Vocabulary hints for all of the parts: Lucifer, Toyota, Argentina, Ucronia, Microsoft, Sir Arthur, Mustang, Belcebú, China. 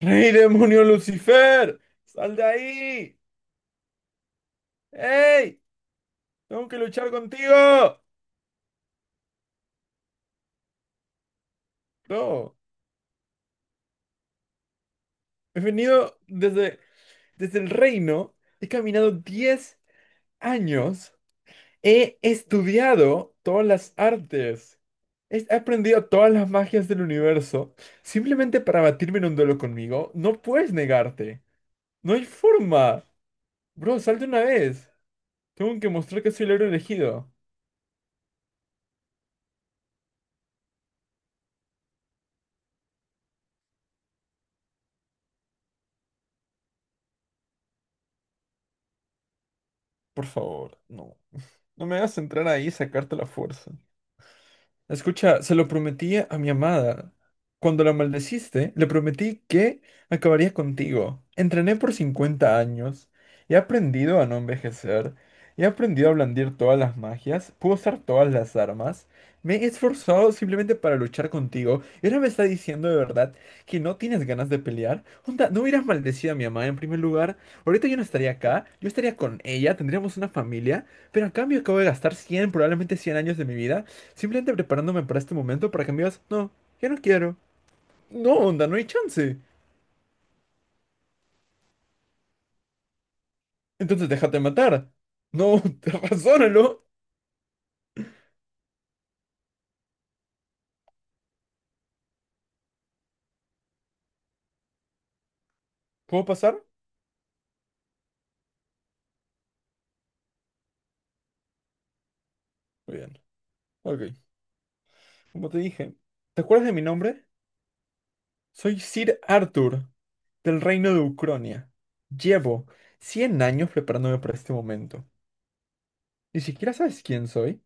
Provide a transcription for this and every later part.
¡Rey demonio Lucifer! ¡Sal de ahí! ¡Ey! ¡Tengo que luchar contigo! No, he venido desde el reino, he caminado 10 años, he estudiado todas las artes, he aprendido todas las magias del universo, simplemente para batirme en un duelo conmigo, no puedes negarte, no hay forma. Bro, sal de una vez, tengo que mostrar que soy el héroe elegido. Por favor, no. No me hagas entrar ahí y sacarte la fuerza. Escucha, se lo prometí a mi amada. Cuando la maldeciste, le prometí que acabaría contigo. Entrené por 50 años. He aprendido a no envejecer. He aprendido a blandir todas las magias. Puedo usar todas las armas. Me he esforzado simplemente para luchar contigo. ¿Y ahora me está diciendo de verdad que no tienes ganas de pelear? Onda, no hubieras maldecido a mi amada en primer lugar. Ahorita yo no estaría acá. Yo estaría con ella. Tendríamos una familia. Pero a cambio acabo de gastar 100, probablemente 100 años de mi vida simplemente preparándome para este momento para que me digas, no, ya no quiero. No, onda, no hay chance. Entonces déjate matar. No, razónalo. ¿Puedo pasar? Muy bien. Ok. Como te dije, ¿te acuerdas de mi nombre? Soy Sir Arthur, del reino de Ucronia. Llevo 100 años preparándome para este momento. Ni siquiera sabes quién soy.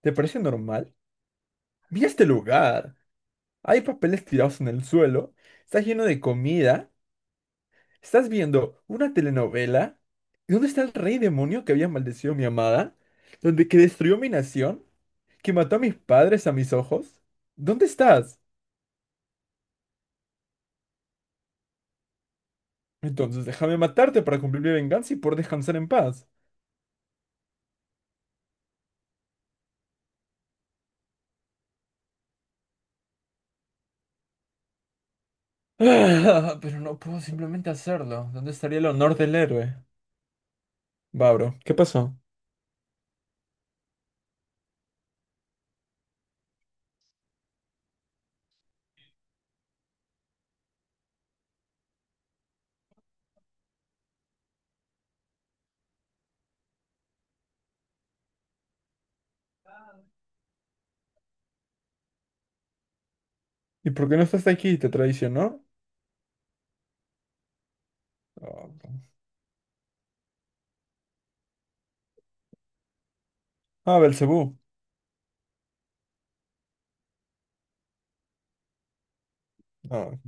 ¿Te parece normal? Mira este lugar. Hay papeles tirados en el suelo. Está lleno de comida. Estás viendo una telenovela. ¿Dónde está el rey demonio que había maldecido a mi amada, donde que destruyó mi nación, que mató a mis padres a mis ojos? ¿Dónde estás? Entonces déjame matarte para cumplir mi venganza y poder descansar en paz. Ah, pero no puedo simplemente hacerlo. ¿Dónde estaría el honor del héroe? Babro, ¿qué pasó? ¿Y por qué no estás aquí? ¿Te traicionó? Ah, ok. Ah, Belcebú. Ah, ok.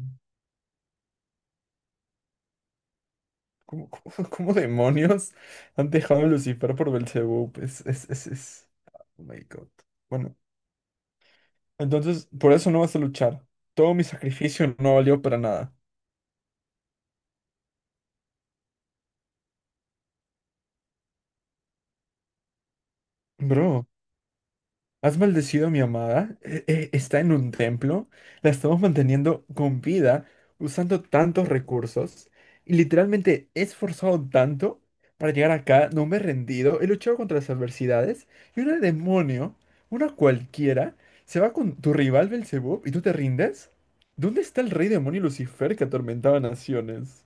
¿Cómo, cómo- ¿Cómo demonios han dejado a Lucifer por Belcebú? Oh my God. Bueno, entonces por eso no vas a luchar. Todo mi sacrificio no valió para nada. Bro. Has maldecido a mi amada, está en un templo, la estamos manteniendo con vida, usando tantos recursos, y literalmente he esforzado tanto para llegar acá, no me he rendido, he luchado contra las adversidades, y una demonio, una cualquiera, se va con tu rival Belcebú y tú te rindes. ¿Dónde está el rey demonio Lucifer que atormentaba naciones?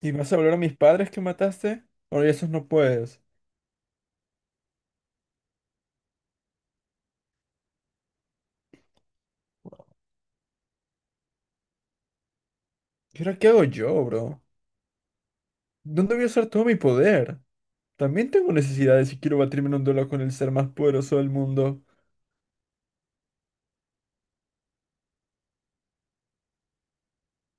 ¿Y vas a volver a mis padres que mataste? Ahora esos no puedes. ¿Y ahora qué hago yo, bro? ¿Dónde voy a usar todo mi poder? También tengo necesidades si quiero batirme en un duelo con el ser más poderoso del mundo.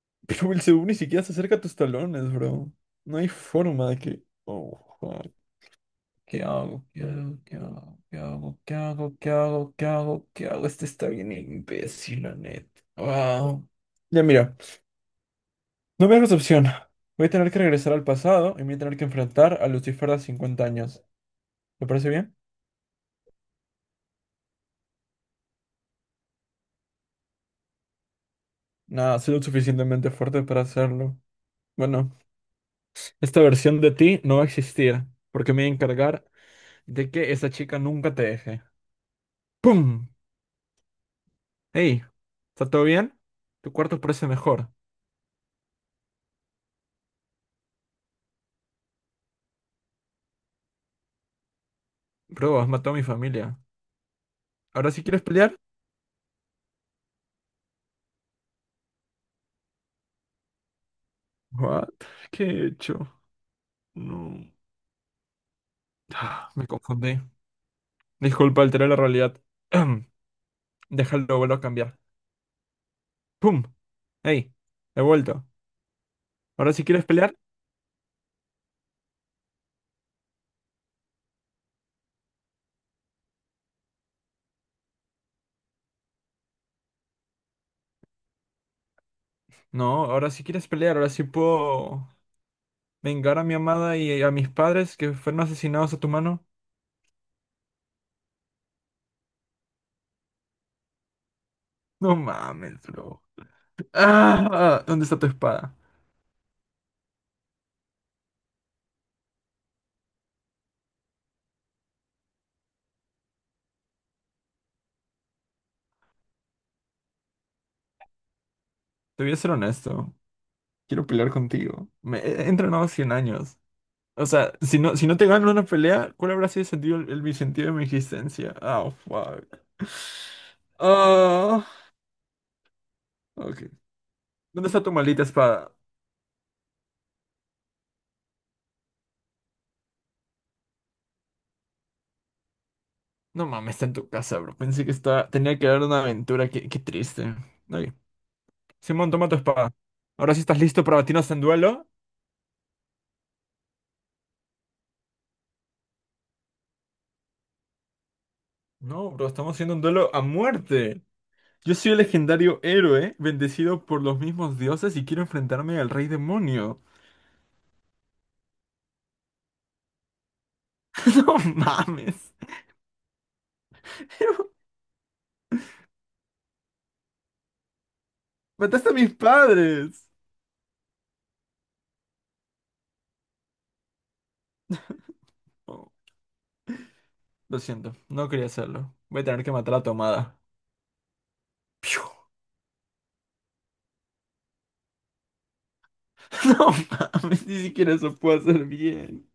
Pero Belzebú ni siquiera se acerca a tus talones, bro. No hay forma de que... Oh, fuck. ¿Qué hago? ¿Qué hago? ¿Qué hago? ¿Qué hago? ¿Qué hago? ¿Qué hago? ¿Qué hago? ¿Qué hago? Este está bien imbécil, la neta. Wow. Ya mira, no me hagas opción. Voy a tener que regresar al pasado y me voy a tener que enfrentar a Lucifer de 50 años. ¿Te parece bien? Nada, soy lo suficientemente fuerte para hacerlo. Bueno. Esta versión de ti no va a existir, porque me voy a encargar de que esa chica nunca te deje. ¡Pum! ¡Ey! ¿Está todo bien? Tu cuarto parece mejor. Bro, has matado a mi familia. ¿Ahora sí quieres pelear? What? ¿Qué he hecho? No. Ah, me confundí. Disculpa, alteré la realidad. Déjalo, vuelvo a cambiar. ¡Pum! ¡Ey! He vuelto. ¿Ahora sí quieres pelear? No, ahora sí quieres pelear. Ahora sí puedo vengar a mi amada y a mis padres que fueron asesinados a tu mano. No mames, bro. Ah, ¿dónde está tu espada? Te voy a ser honesto. Quiero pelear contigo. Me he entrenado 100 años. O sea, si no te gano una pelea, ¿cuál habrá sido el sentido, mi sentido de mi existencia? Oh, fuck. Ah, ok. ¿Dónde está tu maldita espada? No mames, está en tu casa, bro. Pensé que estaba, tenía que dar una aventura. Qué triste. Ok. Simón, toma tu espada. ¿Ahora sí estás listo para batirnos en duelo? No, bro, estamos haciendo un duelo a muerte. Yo soy el legendario héroe, bendecido por los mismos dioses y quiero enfrentarme al rey demonio. No mames. Mataste a mis padres. Oh, lo siento, no quería hacerlo. Voy a tener que matar a Tomada. Piu. No mames, ni siquiera eso puedo hacer bien.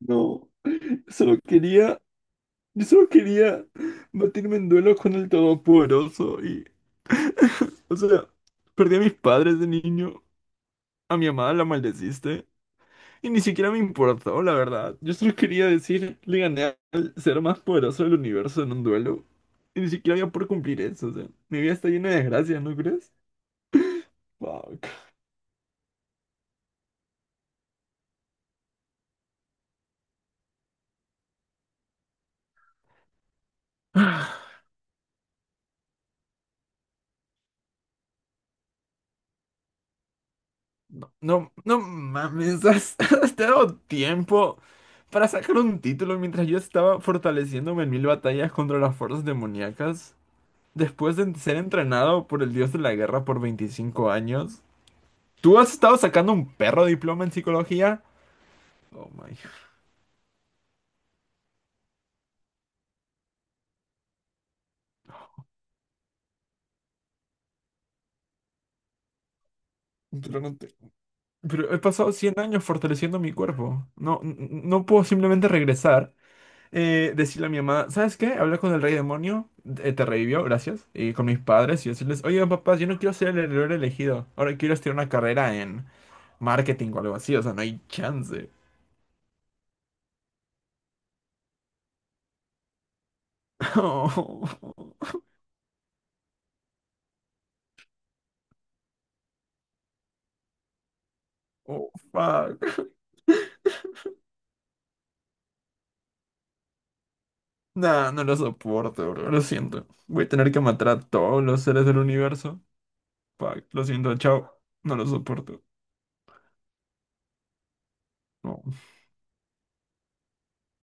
No, solo quería, solo quería batirme en duelo con el Todopoderoso y, o sea, perdí a mis padres de niño. A mi amada la maldeciste. Y ni siquiera me importó, la verdad. Yo solo quería decir, le gané al ser más poderoso del universo en un duelo. Y ni siquiera había por cumplir eso, o sea, mi vida está llena de desgracias, ¿no crees? Fuck. No, no mames, has dado tiempo para sacar un título mientras yo estaba fortaleciéndome en mil batallas contra las fuerzas demoníacas. Después de ser entrenado por el dios de la guerra por 25 años. ¿Tú has estado sacando un perro diploma en psicología? Oh my. Pero no. Pero he pasado 100 años fortaleciendo mi cuerpo. No, no puedo simplemente regresar, decirle a mi mamá, ¿sabes qué? Hablar con el rey demonio, te revivió, gracias. Y con mis padres y decirles, oigan papás, yo no quiero ser el heredero elegido. Ahora quiero estudiar una carrera en marketing o algo así, o sea, no hay chance. Oh, fuck. Nah, no lo soporto, bro. Lo siento. Voy a tener que matar a todos los seres del universo. Fuck, lo siento, chao. No lo soporto. No.